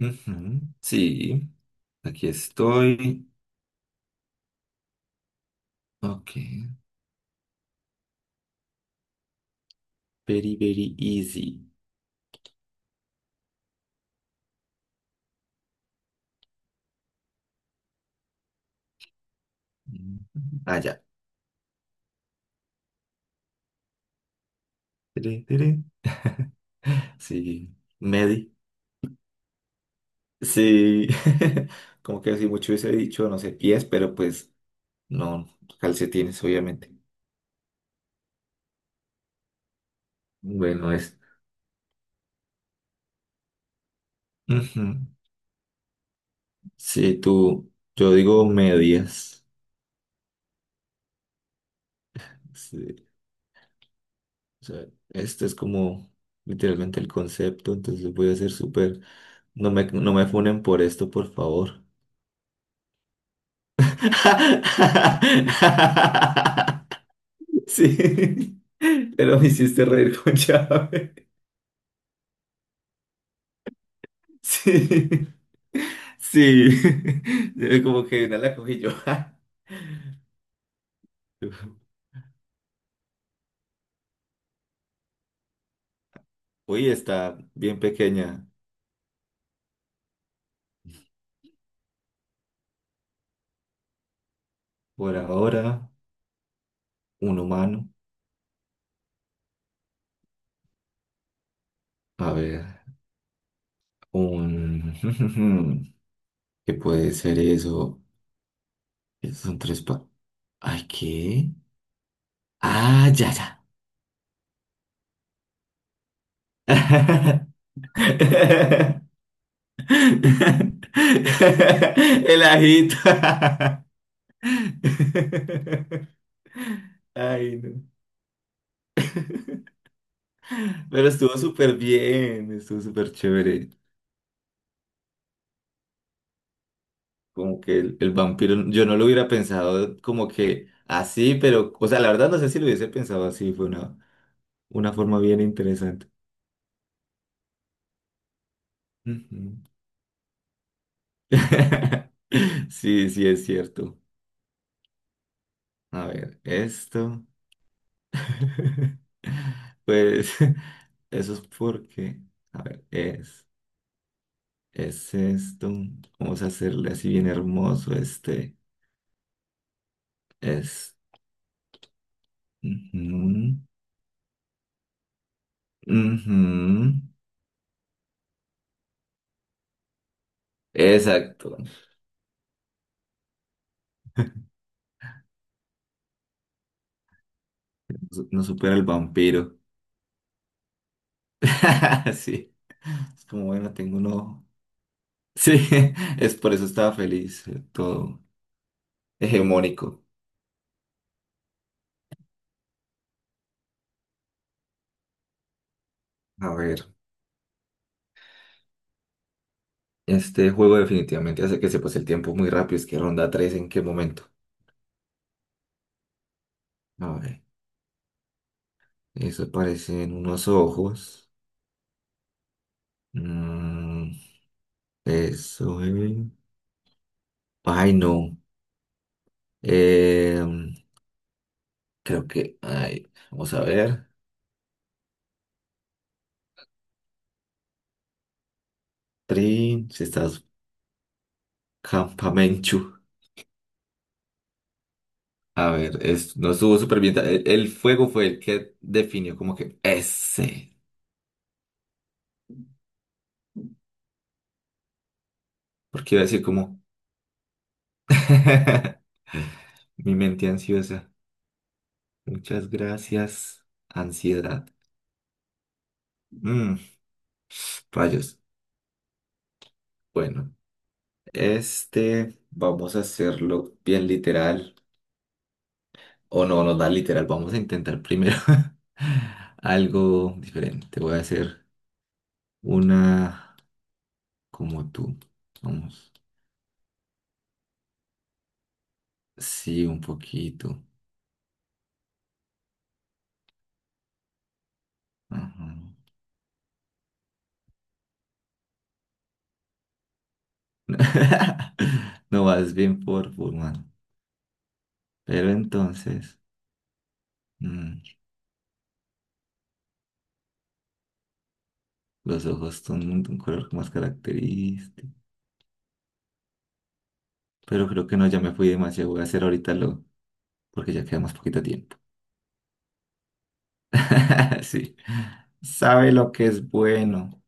Ujú, sí, aquí estoy. Ok. Very, very easy. Ujú. Ah, ya. Tere, tere. Sí. Medi. Sí. Como que así mucho hubiese dicho, no sé, pies, pero pues no, calcetines, obviamente. Bueno, es. Ujú. Sí, tú. Yo digo medias. Sí, o sea, este es como literalmente el concepto, entonces voy a ser súper. No me funen por esto, por favor. Sí, pero me hiciste reír con llave. Sí, sí. Yo como que una la cogí yo. Uy, está bien pequeña. Por ahora, un humano. A ver, un... ¿Qué puede ser eso? Esos son tres pa... Ay, ¿qué? Ah, ya, ya. El ajito. Ay, no. Pero estuvo súper bien, estuvo súper chévere. Como que el vampiro, yo no lo hubiera pensado como que así, pero, o sea, la verdad no sé si lo hubiese pensado así, fue una forma bien interesante. Ujú. Sí, sí, es cierto. A ver, esto. Pues eso es porque, a ver, es esto. Vamos a hacerle así bien hermoso este. Es. Ujú, ujú. Exacto. No, no supera el vampiro. Sí. Es como, bueno, tengo uno. Sí, es por eso estaba feliz. Todo hegemónico. A ver. Este juego definitivamente hace que se pase el tiempo muy rápido. Es que ronda 3 en qué momento. A ver. Eso aparecen unos ojos. Mm, eso. Ay, no. Em, creo que. Ay, vamos a ver. Trin, si estás campamenchu. A ver, es, no estuvo súper bien. El fuego fue el que definió como que ese. Porque iba a decir como mi mente ansiosa. Muchas gracias. Ansiedad. Mm, rayos. Bueno, este vamos a hacerlo bien literal. O no, no da literal. Vamos a intentar primero algo diferente. Voy a hacer una como tú. Vamos. Sí, un poquito. Ajá. No vas bien por Pullman. Pero entonces, mm, los ojos son un color más característico. Pero creo que no, ya me fui demasiado. Voy a hacer ahorita lo, porque ya queda más poquito tiempo. Sí. Sabe lo que es bueno.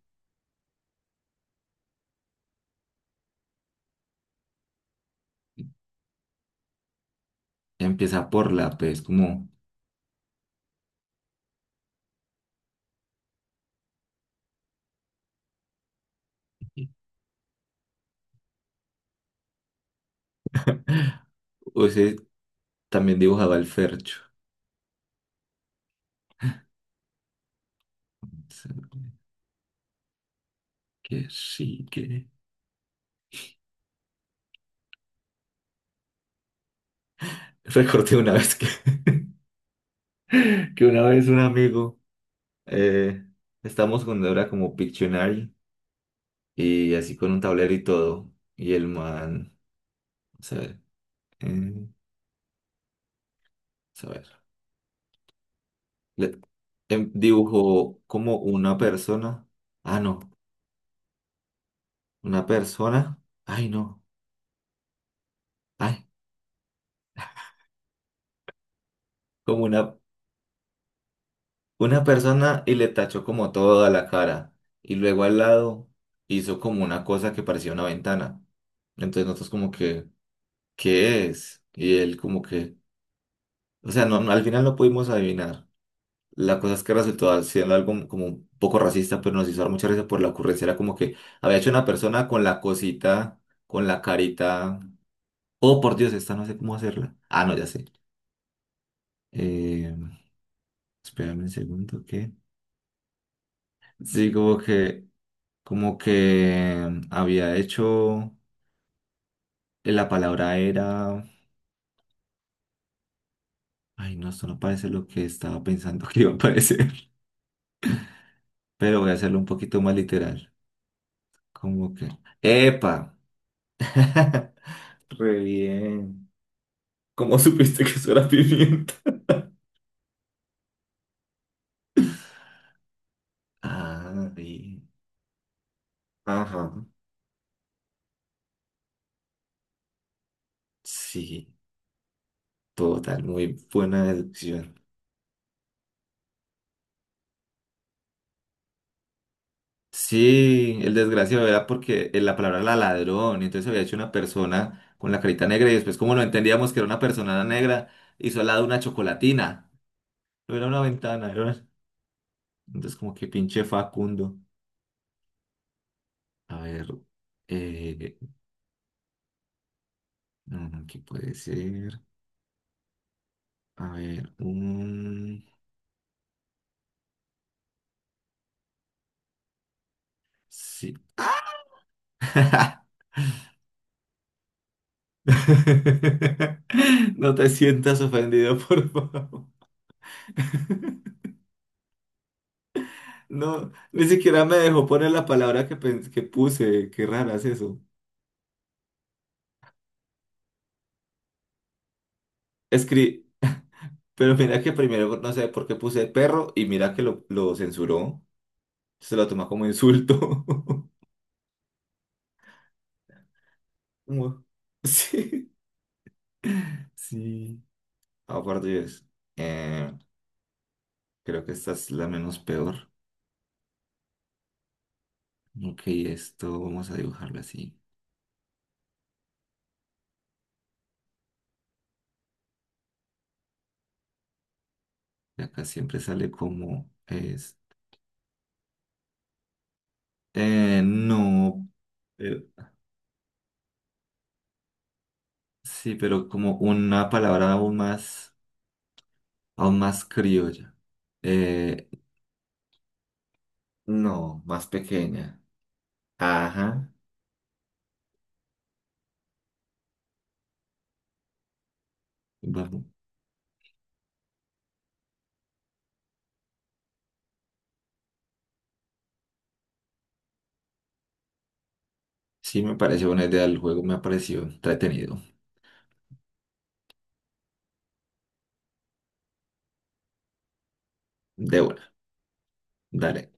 Empieza por la P, es como. O sea, también dibujaba el Fercho. Que sí, que. Recordé una vez que, que una vez un amigo. Eh, estamos con Débora como Pictionary y así con un tablero y todo. Y el man, vamos a ver, vamos a ver. Le- dibujó como una persona. Ah, no, una persona. Ay, no, ay, como una persona y le tachó como toda la cara. Y luego al lado hizo como una cosa que parecía una ventana. Entonces nosotros como que, ¿qué es? Y él como que, o sea, no, no, al final no pudimos adivinar. La cosa es que resultó siendo algo como un poco racista, pero nos hizo dar mucha risa por la ocurrencia. Era como que había hecho una persona con la cosita, con la carita. Oh, por Dios, esta no sé cómo hacerla. Ah, no, ya sé. Eh, espérame un segundo, ¿qué? Sí, como que había hecho. La palabra era. Ay, no, esto no parece lo que estaba pensando que iba a parecer. Pero voy a hacerlo un poquito más literal. Como que. ¡Epa! Re bien. ¿Cómo supiste que eso era pimienta? Ah, bien. Ajá. Sí, total, muy buena deducción. Sí, el desgraciado era porque la palabra era ladrón, y entonces había hecho una persona con la carita negra y después como no entendíamos que era una persona negra, hizo al lado una chocolatina. No era una ventana, era una- Entonces como que pinche Facundo. A ver, eh, mm, ¿qué puede ser? A ver, un... Sí. No te sientas ofendido, por favor. No, ni siquiera me dejó poner la palabra que, pens- que puse. Qué rara es eso. Escri, pero mira que primero no sé por qué puse perro y mira que lo censuró. Se lo toma como insulto. Como- Sí, sí. Aparte es, eh, creo que esta es la menos peor. Ok, esto vamos a dibujarlo así. Y acá siempre sale como es. No. Sí, pero como una palabra aún más criolla. Eh, no, más pequeña. Ajá. Vamos. Sí, me pareció buena idea el juego, me ha parecido entretenido. De una, dale.